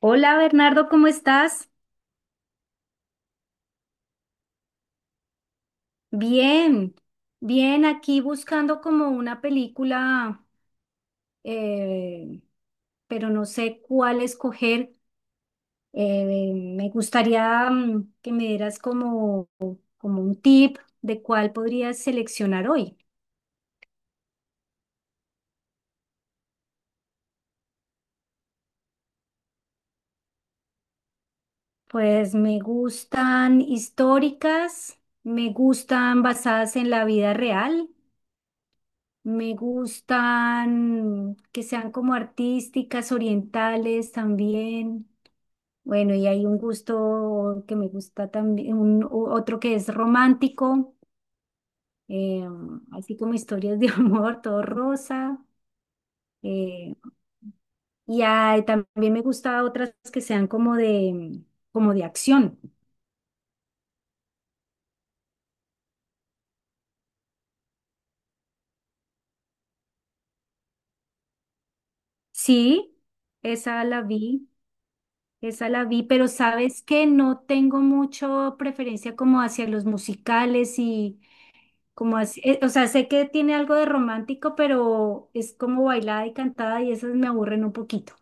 Hola Bernardo, ¿cómo estás? Bien, bien, aquí buscando como una película, eh, pero no sé cuál escoger. Me gustaría que me dieras como, como un tip de cuál podrías seleccionar hoy. Pues me gustan históricas, me gustan basadas en la vida real, me gustan que sean como artísticas, orientales también. Bueno, y hay un gusto que me gusta también, un, otro que es romántico, eh, así como historias de amor, todo rosa. eh, y también me gusta otras que sean como de acción. Sí, esa la vi, esa la vi, pero sabes que no tengo mucho preferencia como hacia los musicales y, como así, o sea, sé que tiene algo de romántico, pero es como bailada y cantada y esas me aburren un poquito.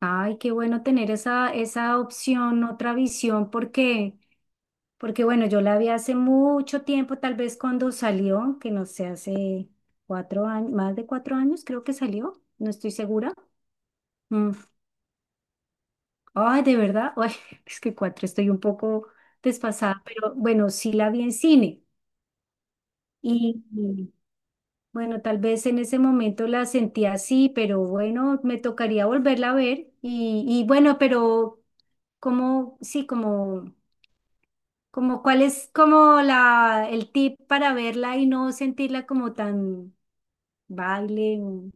Ay, qué bueno tener esa, esa opción, otra visión, porque, porque bueno, yo la vi hace mucho tiempo, tal vez cuando salió, que no sé, hace 4 años, más de 4 años creo que salió, no estoy segura. Mm. Ay, de verdad, ay, es que cuatro estoy un poco desfasada, pero bueno, sí la vi en cine. Y, bueno, tal vez en ese momento la sentí así, pero bueno, me tocaría volverla a ver. Y bueno, pero como, sí, como, como cuál es como la, el tip para verla y no sentirla como tan baile,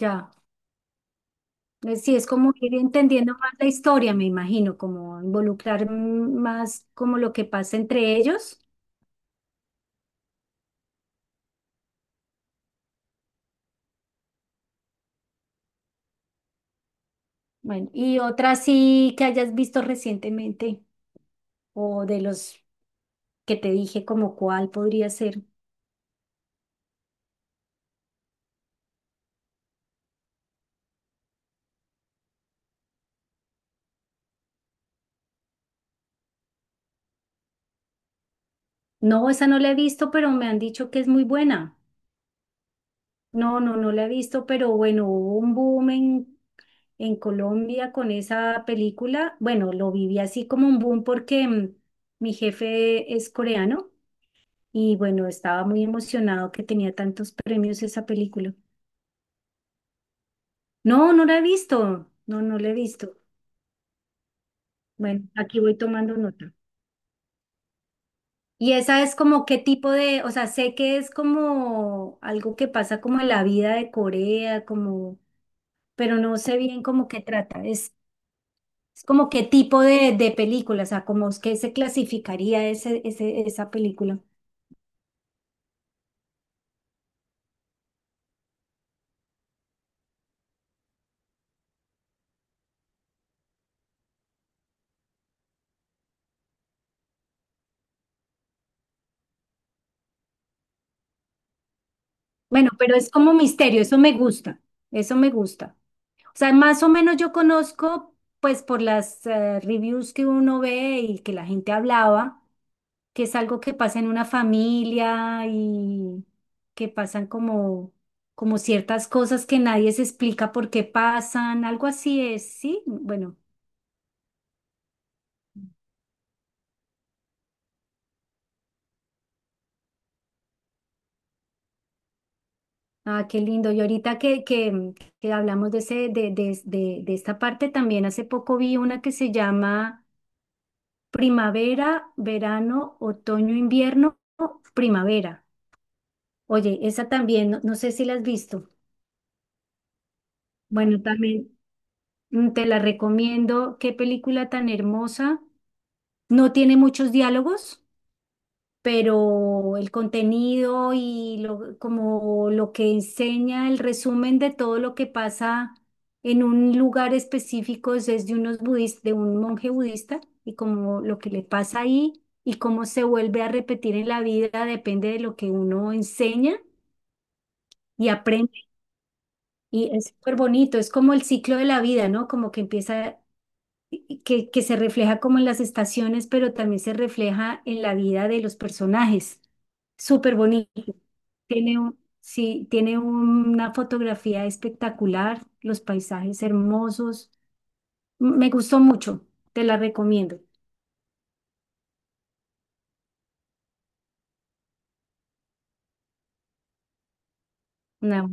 ya. Sí, es como ir entendiendo más la historia, me imagino, como involucrar más como lo que pasa entre ellos. Bueno, y otra sí que hayas visto recientemente o de los que te dije, como cuál podría ser. No, esa no la he visto, pero me han dicho que es muy buena. No, no, no la he visto, pero bueno, hubo un boom en Colombia con esa película. Bueno, lo viví así como un boom porque mi jefe es coreano y bueno, estaba muy emocionado que tenía tantos premios esa película. No, no la he visto. No, no la he visto. Bueno, aquí voy tomando nota. Y esa es como qué tipo de, o sea, sé que es como algo que pasa como en la vida de Corea, como... Pero no sé bien cómo que trata. Es como qué tipo de película, o sea, como es que se clasificaría ese, esa película. Bueno, pero es como misterio, eso me gusta, eso me gusta. O sea, más o menos yo conozco, pues por las reviews que uno ve y que la gente hablaba, que es algo que pasa en una familia y que pasan como, como ciertas cosas que nadie se explica por qué pasan, algo así es, ¿sí? Bueno. Ah, qué lindo. Y ahorita que hablamos de, ese, de esta parte, también hace poco vi una que se llama Primavera, Verano, Otoño, Invierno, Primavera. Oye, esa también, no, no sé si la has visto. Bueno, también te la recomiendo. Qué película tan hermosa. No tiene muchos diálogos, pero el contenido y lo, como lo que enseña, el resumen de todo lo que pasa en un lugar específico es de unos de un monje budista y como lo que le pasa ahí y cómo se vuelve a repetir en la vida depende de lo que uno enseña y aprende. Y es súper bonito, es como el ciclo de la vida, ¿no? Como que empieza que se refleja como en las estaciones, pero también se refleja en la vida de los personajes. Súper bonito. Tiene un, sí, tiene una fotografía espectacular, los paisajes hermosos. Me gustó mucho, te la recomiendo. No,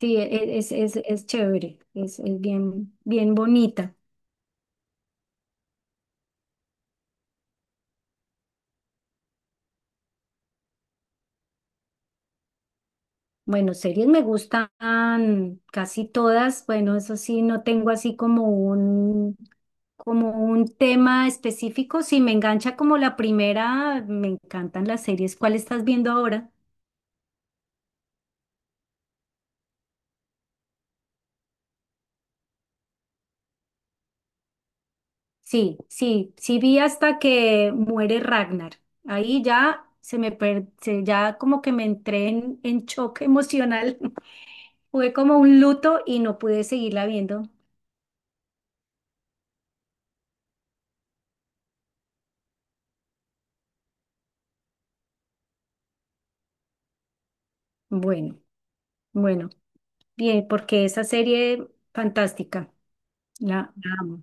sí, es chévere, es bien, bien bonita. Bueno, series me gustan casi todas. Bueno, eso sí, no tengo así como un tema específico. Si me engancha como la primera, me encantan las series. ¿Cuál estás viendo ahora? Sí, sí, sí vi hasta que muere Ragnar. Ahí ya se me per- se- ya como que me entré en choque emocional. Fue como un luto y no pude seguirla viendo. Bueno, bueno, bien, porque esa serie fantástica. La amo.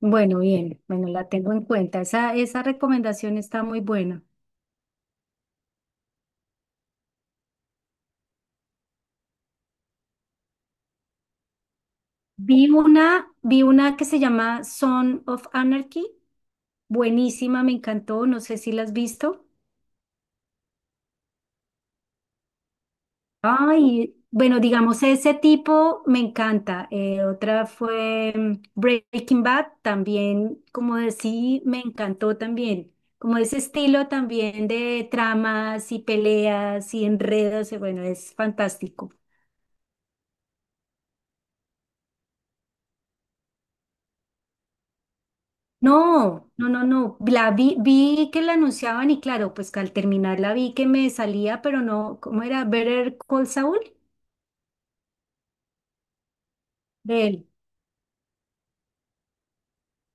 Bueno, bien, bueno, la tengo en cuenta. Esa recomendación está muy buena. Vi una que se llama Son of Anarchy. Buenísima, me encantó. No sé si la has visto. Ay, bueno, digamos, ese tipo me encanta. Otra fue Breaking Bad, también, como decía, me encantó también. Como ese estilo también de tramas y peleas y enredos, bueno, es fantástico. No, no, no, no. Vi que la anunciaban y claro, pues que al terminar la vi que me salía, pero no, ¿cómo era? ¿Better Call Saul? De él.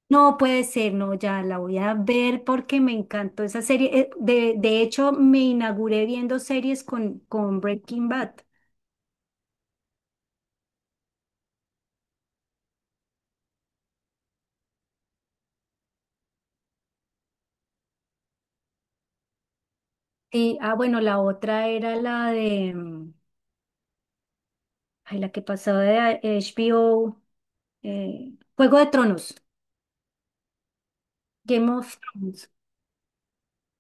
No puede ser, no, ya la voy a ver porque me encantó esa serie. De hecho, me inauguré viendo series con Breaking Bad. Y, ah, bueno, la otra era la de, ay, la que pasaba de HBO, Juego de Tronos, Game of Thrones.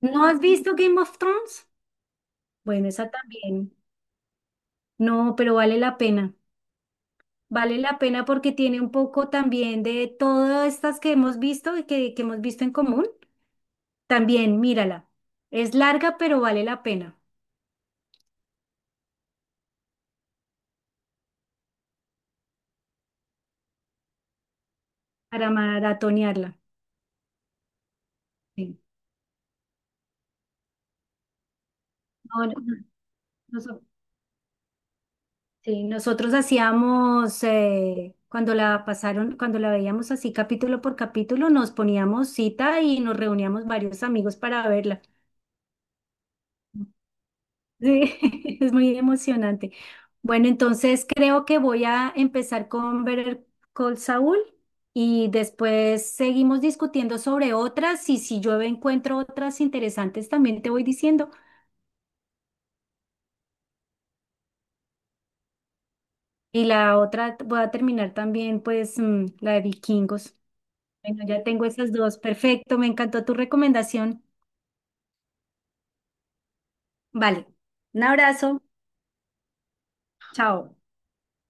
¿No has visto Game of Thrones? Bueno, esa también. No, pero vale la pena. Vale la pena porque tiene un poco también de todas estas que hemos visto y que hemos visto en común. También, mírala. Es larga, pero vale la pena para maratonearla. Sí. No, no, no, noso- sí, nosotros hacíamos, cuando la pasaron, cuando la veíamos así capítulo por capítulo, nos poníamos cita y nos reuníamos varios amigos para verla. Sí, es muy emocionante. Bueno, entonces creo que voy a empezar con Better Call Saul y después seguimos discutiendo sobre otras y si yo encuentro otras interesantes también te voy diciendo. Y la otra voy a terminar también pues la de Vikingos. Bueno, ya tengo esas dos. Perfecto, me encantó tu recomendación. Vale, un abrazo. Chao.